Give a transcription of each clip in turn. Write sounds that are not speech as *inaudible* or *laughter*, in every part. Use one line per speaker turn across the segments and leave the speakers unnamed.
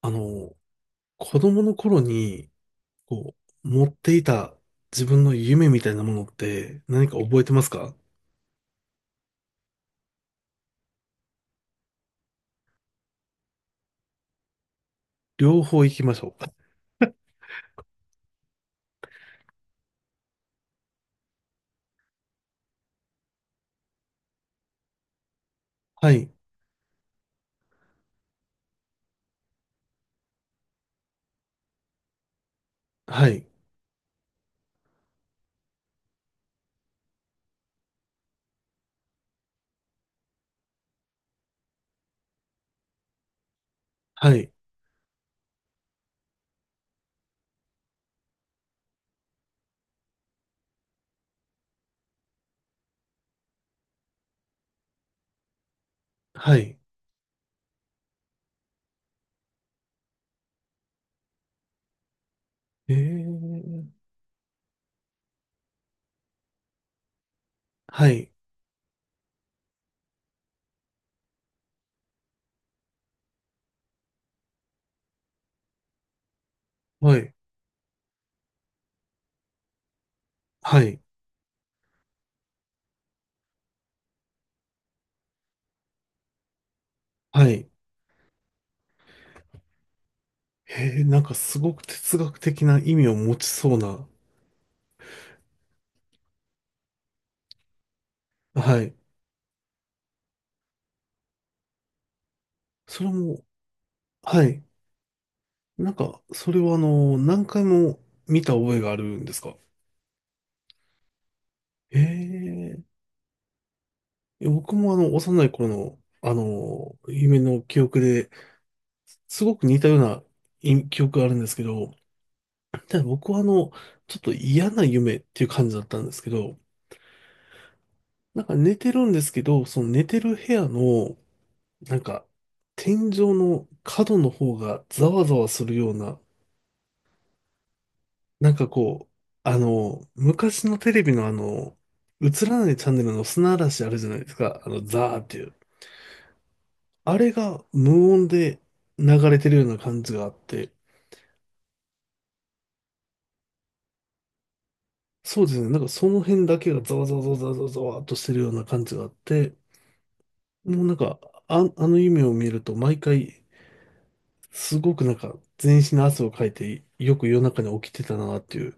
あの、子供の頃に、こう、持っていた自分の夢みたいなものって何か覚えてますか？両方行きましょう。はい、はい、はい、はい。えー、はい、はい、はい、はい。えー、なんかすごく哲学的な意味を持ちそうな。はい。それも、はい。なんか、それは何回も見た覚えがあるんですか？えー、いや僕も幼い頃の、夢の記憶で、すごく似たようない記憶があるんですけど、ただ僕はちょっと嫌な夢っていう感じだったんですけど、なんか寝てるんですけど、その寝てる部屋の、なんか、天井の角の方がざわざわするような、なんかこう、昔のテレビの映らないチャンネルの砂嵐あるじゃないですか、ザーっていう。あれが無音で流れてるような感じがあって、そうですね、なんかその辺だけがざわざわざわざわざわざわっとしてるような感じがあって、もうなんか、あ、あの夢を見ると毎回、すごくなんか全身の汗をかいて、よく夜中に起きてたなっていう、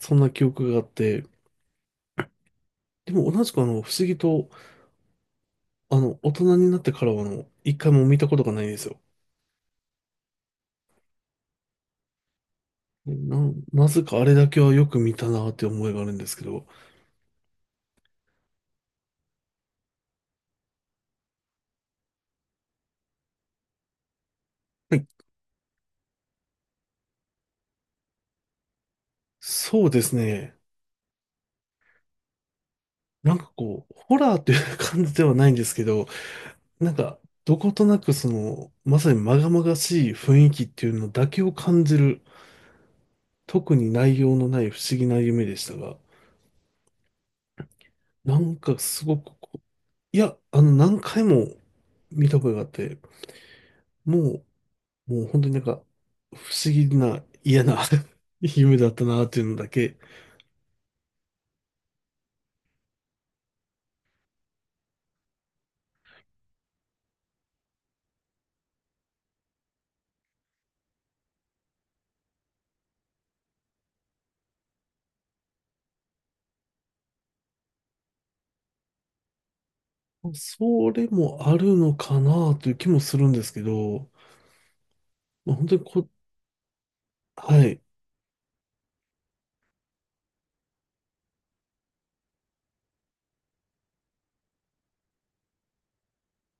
そんな記憶があって、でも同じく不思議と、大人になってからは一回も見たことがないんですよ。な、なぜかあれだけはよく見たなって思いがあるんですけど、はい。そうですね。なんかこう、ホラーという感じではないんですけど、なんか、どことなくその、まさに禍々しい雰囲気っていうのだけを感じる、特に内容のない不思議な夢でしたが、なんかすごくこう、いや、何回も見たことがあって、もう、もう本当になんか、不思議な、嫌な *laughs* 夢だったなっていうのだけ、それもあるのかなという気もするんですけど、まあ本当にこ、はい。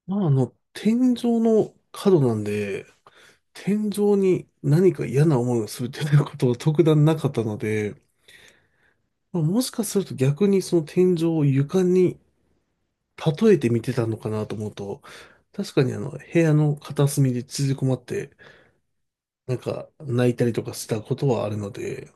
まあ、天井の角なんで、天井に何か嫌な思いをするということは特段なかったので、まあ、もしかすると逆にその天井を床に例えて見てたのかなと思うと、確かに部屋の片隅で縮こまって、なんか泣いたりとかしたことはあるので、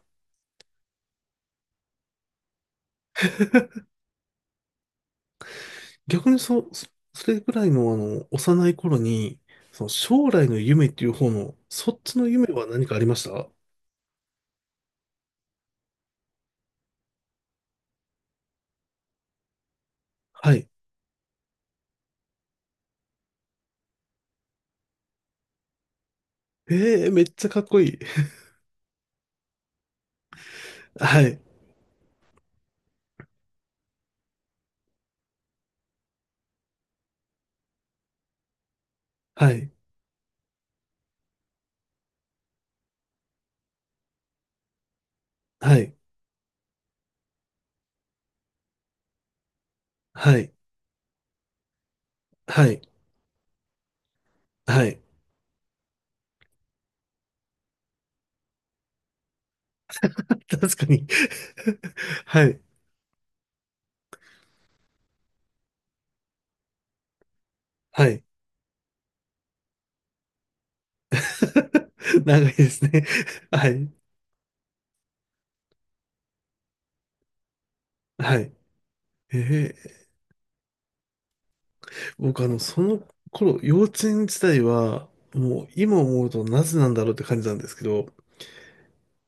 逆にそれぐらいの幼い頃に、その将来の夢っていう方の、そっちの夢は何かありました？はい。ええ、めっちゃかっこいい。*laughs* はい。はい。はい。はい。はい。はい。*laughs* 確かに。 *laughs* はい。はい。*laughs* 長いですね。*laughs* はい。はい。えー、僕その頃、幼稚園時代は、もう今思うとなぜなんだろうって感じなんですけど、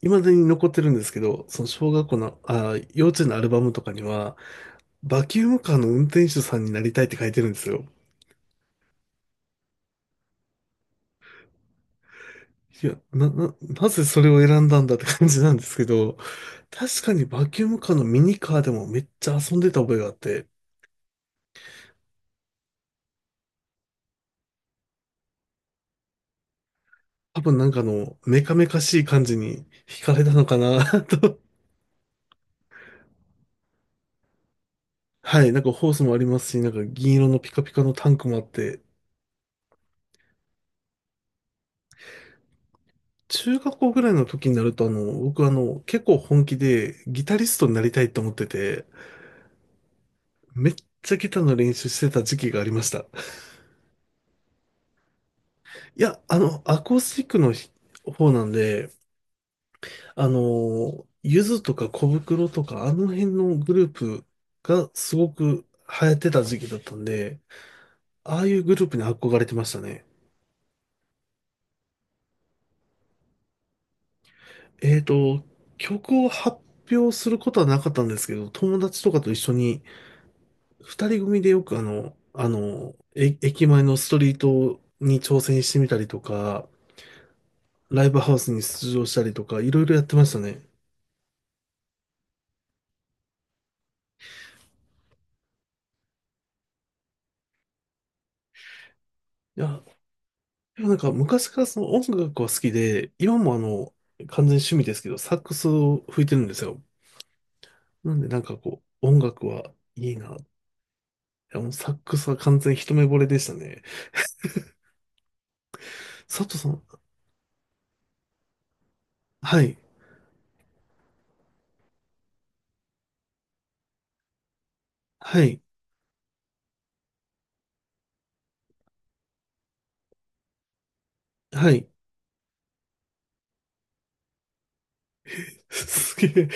未だに残ってるんですけど、その小学校の、幼稚園のアルバムとかには、バキュームカーの運転手さんになりたいって書いてるんですよ。いや、なぜそれを選んだんだって感じなんですけど、確かにバキュームカーのミニカーでもめっちゃ遊んでた覚えがあって、多分なんかメカメカしい感じに惹かれたのかな *laughs* と。はい、なんかホースもありますし、なんか銀色のピカピカのタンクもあって、中学校ぐらいの時になると僕結構本気でギタリストになりたいと思ってて、めっちゃギターの練習してた時期がありました。いや、アコースティックの方なんで、ゆずとか小袋とか、あの辺のグループがすごく流行ってた時期だったんで、ああいうグループに憧れてましたね。えっと、曲を発表することはなかったんですけど、友達とかと一緒に、二人組でよく駅前のストリートに挑戦してみたりとか、ライブハウスに出場したりとか、いろいろやってましたね。いやでもなんか昔からその音楽は好きで、今も完全に趣味ですけど、サックスを吹いてるんですよ。なんでなんかこう、音楽はいいな。いやもうサックスは完全に一目惚れでしたね。佐藤さん、はい、はい、はい。*laughs* すげ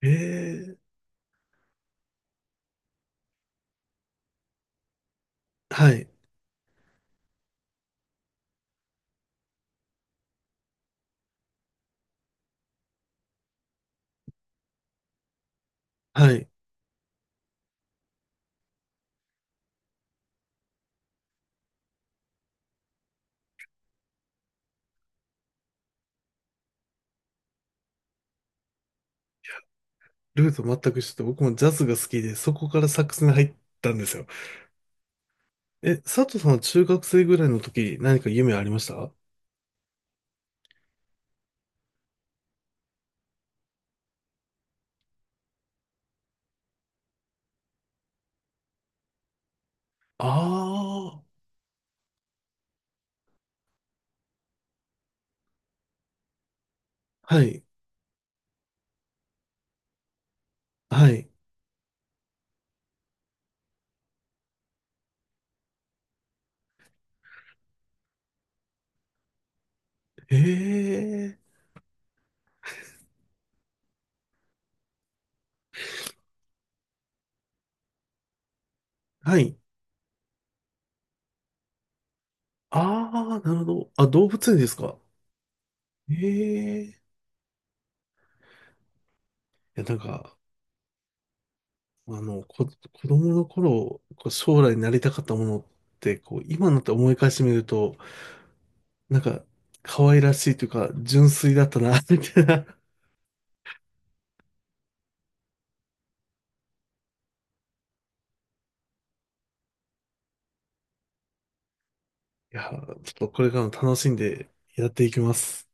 え。えー、はい、はい。ルート全く一緒で、僕もジャズが好きで、そこからサックスに入ったんですよ。え、佐藤さんは中学生ぐらいの時、何か夢ありました？ああ、はい、はい。ええ、はい。ああ、なるほど。あ、動物園ですか。ええ、いや、なんか、子供の頃、こう将来になりたかったものって、こう、今になって思い返してみると、なんか、可愛らしいというか、純粋だったな、みたいな。いや、ちょっとこれからも楽しんでやっていきます。